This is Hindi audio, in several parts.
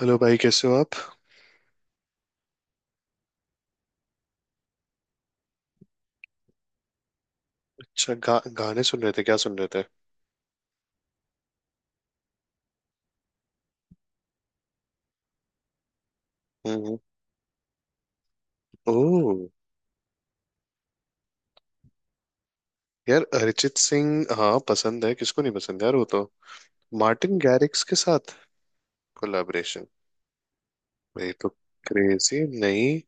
हेलो भाई, कैसे हो आप। अच्छा, गाने सुन रहे थे, क्या सुन रहे थे। हम्म। ओह। यार अरिजीत सिंह, हाँ पसंद है, किसको नहीं पसंद यार, वो तो। मार्टिन गैरिक्स के साथ कोलैबोरेशन। भाई तो। क्रेजी नहीं।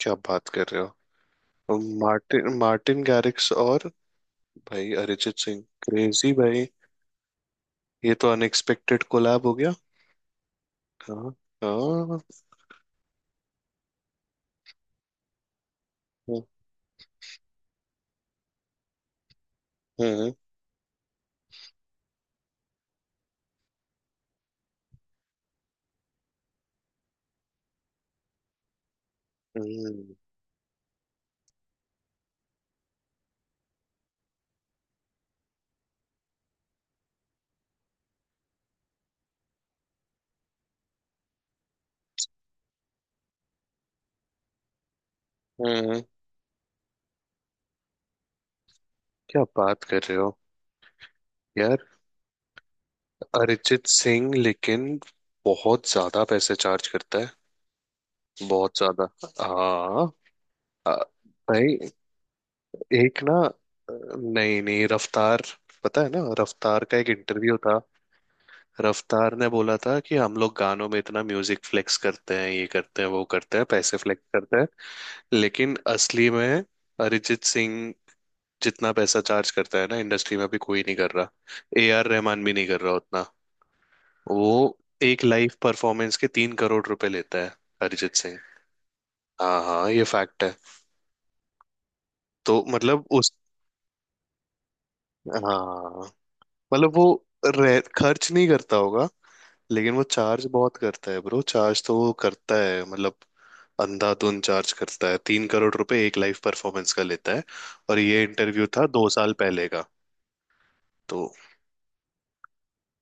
क्या बात कर रहे हो। मार्टिन मार्टिन गैरिक्स और भाई अरिजीत सिंह, क्रेजी भाई। ये तो अनएक्सपेक्टेड कोलैब हो गया। हाँ। हाँ। हम्म। हम्म। हम्म। हम्म। क्या बात कर रहे हो। यार अरिजीत सिंह लेकिन बहुत ज्यादा पैसे चार्ज करता है, बहुत ज्यादा। हाँ। आ, भाई, एक ना, नहीं नहीं, रफ्तार, पता है ना रफ्तार का एक इंटरव्यू था। रफ्तार ने बोला था कि हम लोग गानों में इतना म्यूजिक फ्लेक्स करते हैं, ये करते हैं, वो करते हैं, पैसे फ्लेक्स करते हैं। लेकिन असली में अरिजीत सिंह जितना पैसा चार्ज करता है ना, इंडस्ट्री में अभी कोई नहीं कर रहा। ए आर रहमान भी नहीं कर रहा उतना। वो एक लाइव परफॉर्मेंस के 3 करोड़ रुपए लेता है, अरिजीत सिंह। हाँ हाँ, ये फैक्ट है। तो मतलब उस। हाँ मतलब वो खर्च नहीं करता होगा। लेकिन वो चार्ज बहुत करता है ब्रो, चार्ज तो वो करता है, मतलब अंधाधुन चार्ज करता है। 3 करोड़ रुपए एक लाइव परफॉर्मेंस का लेता है, और ये इंटरव्यू था 2 साल पहले का। तो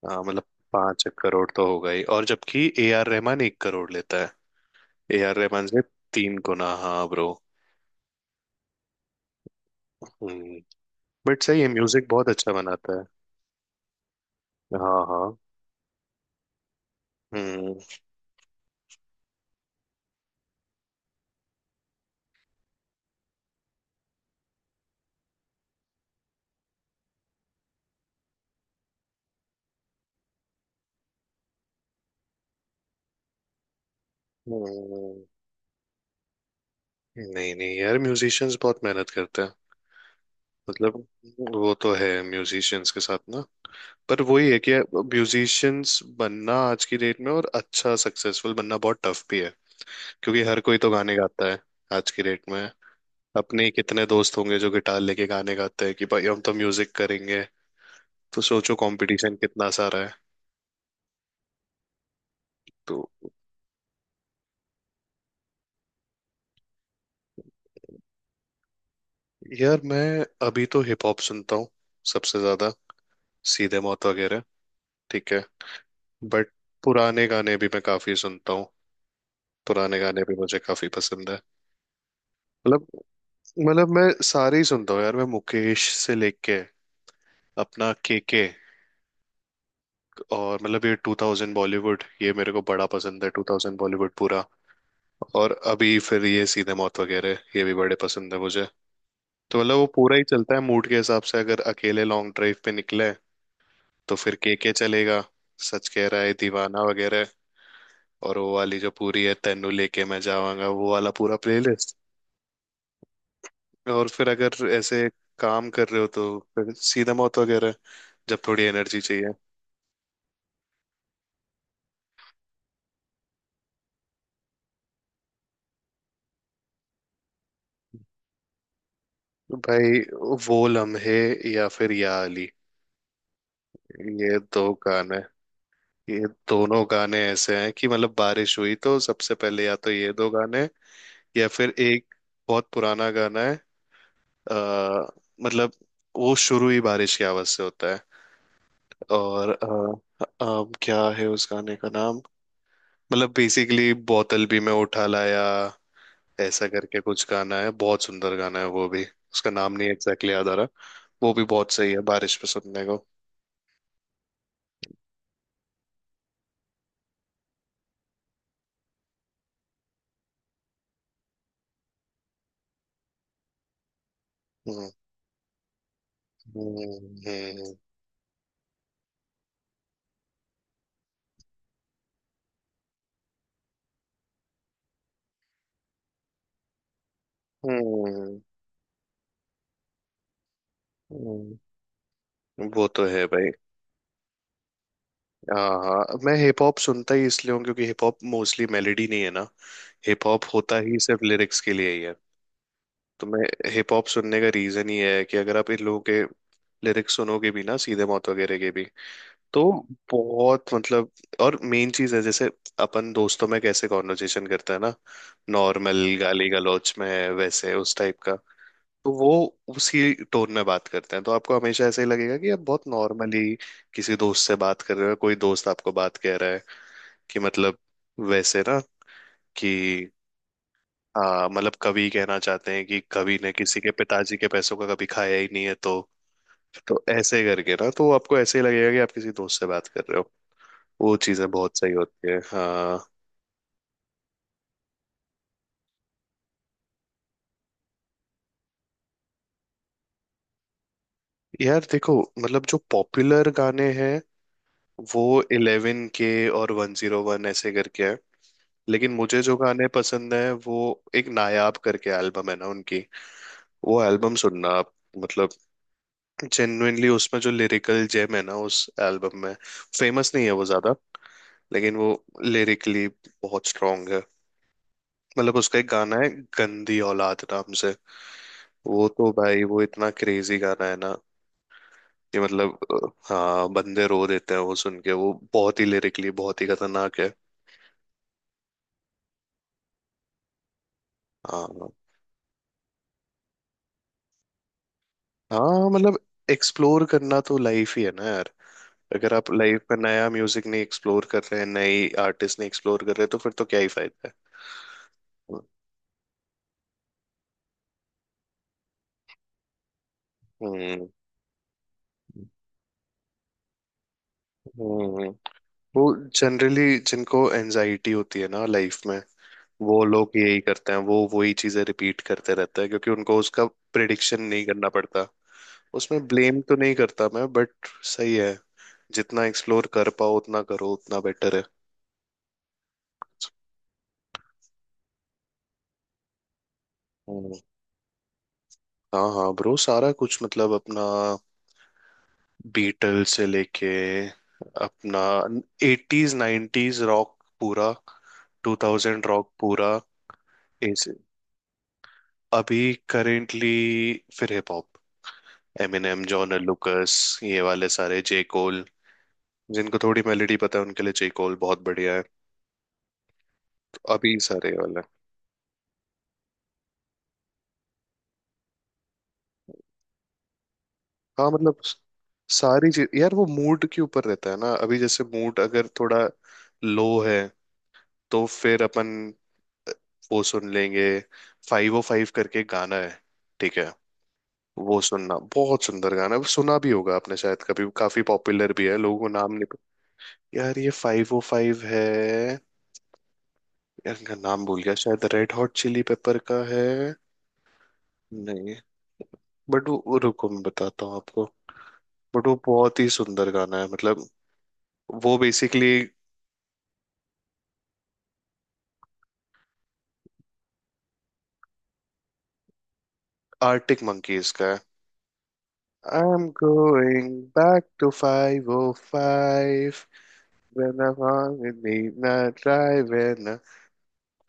हाँ, मतलब 5 करोड़ तो होगा ही। और जबकि ए आर रहमान 1 करोड़ लेता है, ए आर रहमान से 3 गुना। हाँ ब्रो। बट सही है, म्यूजिक बहुत अच्छा बनाता है। हाँ। हाँ। हम्म। हम्म। नहीं नहीं यार, म्यूजिशियंस बहुत मेहनत करते हैं। मतलब, वो तो है म्यूजिशियंस के साथ ना। पर वही है कि म्यूजिशियंस बनना आज की डेट में और अच्छा सक्सेसफुल बनना बहुत टफ भी है, क्योंकि हर कोई तो गाने गाता है आज की डेट में। अपने ही कितने दोस्त होंगे जो गिटार लेके गाने गाते हैं कि भाई हम तो म्यूजिक करेंगे। तो सोचो कंपटीशन कितना सारा है। तो यार मैं, अभी तो हिप हॉप सुनता हूँ सबसे ज्यादा, सीधे मौत वगैरह, ठीक है। बट पुराने गाने भी मैं काफी सुनता हूँ, पुराने गाने भी मुझे काफी पसंद है। मतलब मतलब मैं सारे ही सुनता हूँ यार। मैं मुकेश से लेके अपना केके, और मतलब ये 2000 बॉलीवुड ये मेरे को बड़ा पसंद है, 2000 बॉलीवुड पूरा। और अभी फिर ये सीधे मौत वगैरह, ये भी बड़े पसंद है मुझे। तो मतलब वो पूरा ही चलता है मूड के हिसाब से। अगर अकेले लॉन्ग ड्राइव पे निकले तो फिर केके चलेगा, सच कह रहा है दीवाना वगैरह। और वो वाली जो पूरी है तेनू लेके मैं जावांगा, वो वाला पूरा प्लेलिस्ट। और फिर अगर ऐसे काम कर रहे हो तो फिर सीधा मौत वगैरह, जब थोड़ी एनर्जी चाहिए। भाई, वो लम्हे, या फिर या अली, ये दो गाने। ये दोनों गाने ऐसे हैं कि मतलब बारिश हुई तो सबसे पहले या तो ये दो गाने, या फिर एक बहुत पुराना गाना है। आ, मतलब, वो शुरू ही बारिश की आवाज से होता है। और क्या है उस गाने का नाम। मतलब बेसिकली, बोतल भी मैं उठा लाया, ऐसा करके कुछ गाना है, बहुत सुंदर गाना है वो भी। उसका नाम नहीं एग्जैक्टली याद आ रहा। वो भी बहुत सही है बारिश में सुनने को। हम्म। हम्म। हम्म। हम्म। हम्म। वो तो है भाई। हाँ हाँ, मैं हिप हॉप सुनता ही इसलिए हूँ क्योंकि हिप हॉप मोस्टली मेलेडी नहीं है ना, हिप हॉप होता ही सिर्फ लिरिक्स के लिए ही है। तो मैं, हिप हॉप सुनने का रीजन ही है कि अगर आप इन लोगों के लिरिक्स सुनोगे भी ना, सीधे मौत वगैरह के भी, तो बहुत मतलब। और मेन चीज है, जैसे अपन दोस्तों में कैसे कॉन्वर्जेशन करते हैं ना, नॉर्मल गाली गलौच में, वैसे उस टाइप का। तो वो उसी टोन में बात करते हैं, तो आपको हमेशा ऐसे ही लगेगा कि आप बहुत नॉर्मली किसी दोस्त से बात कर रहे हो, कोई दोस्त आपको बात कह रहा है, कि मतलब वैसे ना, कि हाँ मतलब कवि कहना चाहते हैं कि कवि ने किसी के पिताजी के पैसों का कभी खाया ही नहीं है। तो ऐसे करके ना, तो आपको ऐसे ही लगेगा कि आप किसी दोस्त से बात कर रहे हो। वो चीजें बहुत सही होती है, हाँ। यार देखो, मतलब जो पॉपुलर गाने हैं वो 11 के और 101 ऐसे करके है। लेकिन मुझे जो गाने पसंद है, वो एक नायाब करके एल्बम है ना उनकी, वो एल्बम सुनना आप। मतलब जेन्युइनली उसमें जो लिरिकल जेम है ना उस एल्बम में, फेमस नहीं है वो ज्यादा, लेकिन वो लिरिकली बहुत स्ट्रांग है। मतलब उसका एक गाना है, गंदी औलाद नाम से, वो तो भाई वो इतना क्रेजी गाना है ना, कि मतलब हाँ, बंदे रो देते हैं वो सुन के, वो बहुत ही लिरिकली बहुत ही खतरनाक है। हाँ। हाँ मतलब, एक्सप्लोर करना तो लाइफ ही है ना यार। अगर आप लाइफ में नया म्यूजिक नहीं एक्सप्लोर कर रहे हैं, नई आर्टिस्ट नहीं एक्सप्लोर कर रहे, तो फिर तो क्या ही फायदा है। हम्म। हम्म। वो जनरली जिनको एनजाइटी होती है ना लाइफ में, वो लोग यही करते हैं, वो वही चीजें रिपीट करते रहते हैं, क्योंकि उनको उसका प्रिडिक्शन नहीं करना पड़ता। उसमें ब्लेम तो नहीं करता मैं, बट सही है, जितना एक्सप्लोर कर पाओ उतना करो, उतना बेटर है। हम्म। हाँ हाँ ब्रो, सारा कुछ, मतलब अपना बीटल से लेके, अपना एटीज 90s रॉक पूरा, टू थाउजेंड रॉक पूरा। ऐसे, अभी करेंटली फिर hip hop, Eminem, John Lucas, ये वाले सारे, जे कोल। जिनको थोड़ी मेलोडी पता है उनके लिए जे कोल बहुत बढ़िया है। तो अभी सारे ये वाले। हाँ मतलब, सारी चीज यार वो मूड के ऊपर रहता है ना। अभी जैसे मूड अगर थोड़ा लो है, तो फिर अपन वो सुन लेंगे, 505 करके गाना है, ठीक है। वो सुनना, बहुत सुंदर गाना है, सुना भी होगा आपने शायद कभी, काफी पॉपुलर भी है, लोगों को नाम नहीं पता। यार ये 505 है, यार इनका नाम भूल गया, शायद रेड हॉट चिली पेपर का है। नहीं, बट वो रुको मैं बताता हूँ आपको। बट वो बहुत ही सुंदर गाना है, मतलब वो बेसिकली आर्टिक मंकीज का है। I am going back to 505, when I'm on a midnight drive and a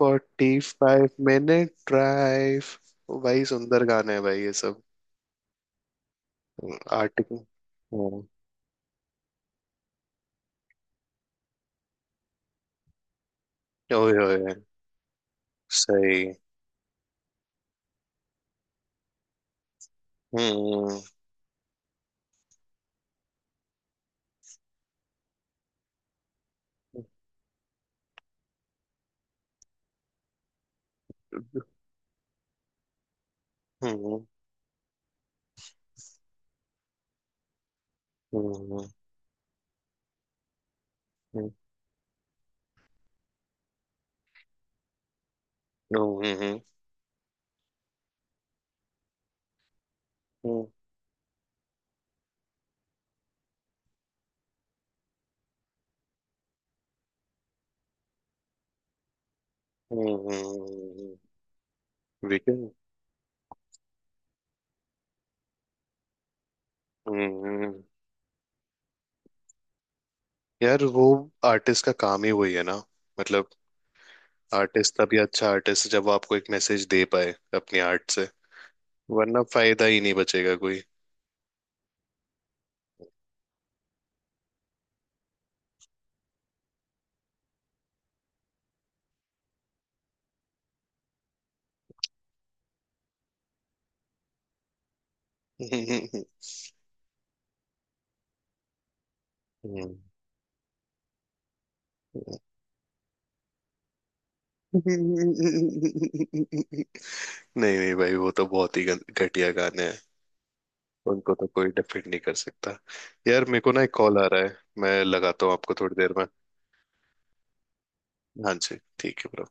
45 minute drive। भाई सुंदर गाने हैं भाई ये सब। आर्टिक। ओए। ओए। सही। हम्म। हम्म। हम्म। हम्म। वीकेंड। हम्म। हम्म। हम्म। हम्म। हम्म। हम्म। हम्म। हम्म। हम्म। हम्म। हम्म। हम्म। यार वो आर्टिस्ट का काम ही वही है ना। मतलब, आर्टिस्ट तभी अच्छा आर्टिस्ट जब वो आपको एक मैसेज दे पाए अपनी आर्ट से, वरना फायदा ही नहीं बचेगा कोई। नहीं नहीं भाई, वो तो बहुत ही घटिया गाने हैं, उनको तो कोई डिफेंड नहीं कर सकता। यार मेरे को ना एक कॉल आ रहा है, मैं लगाता हूँ आपको थोड़ी देर में। हाँ जी, ठीक है ब्रो।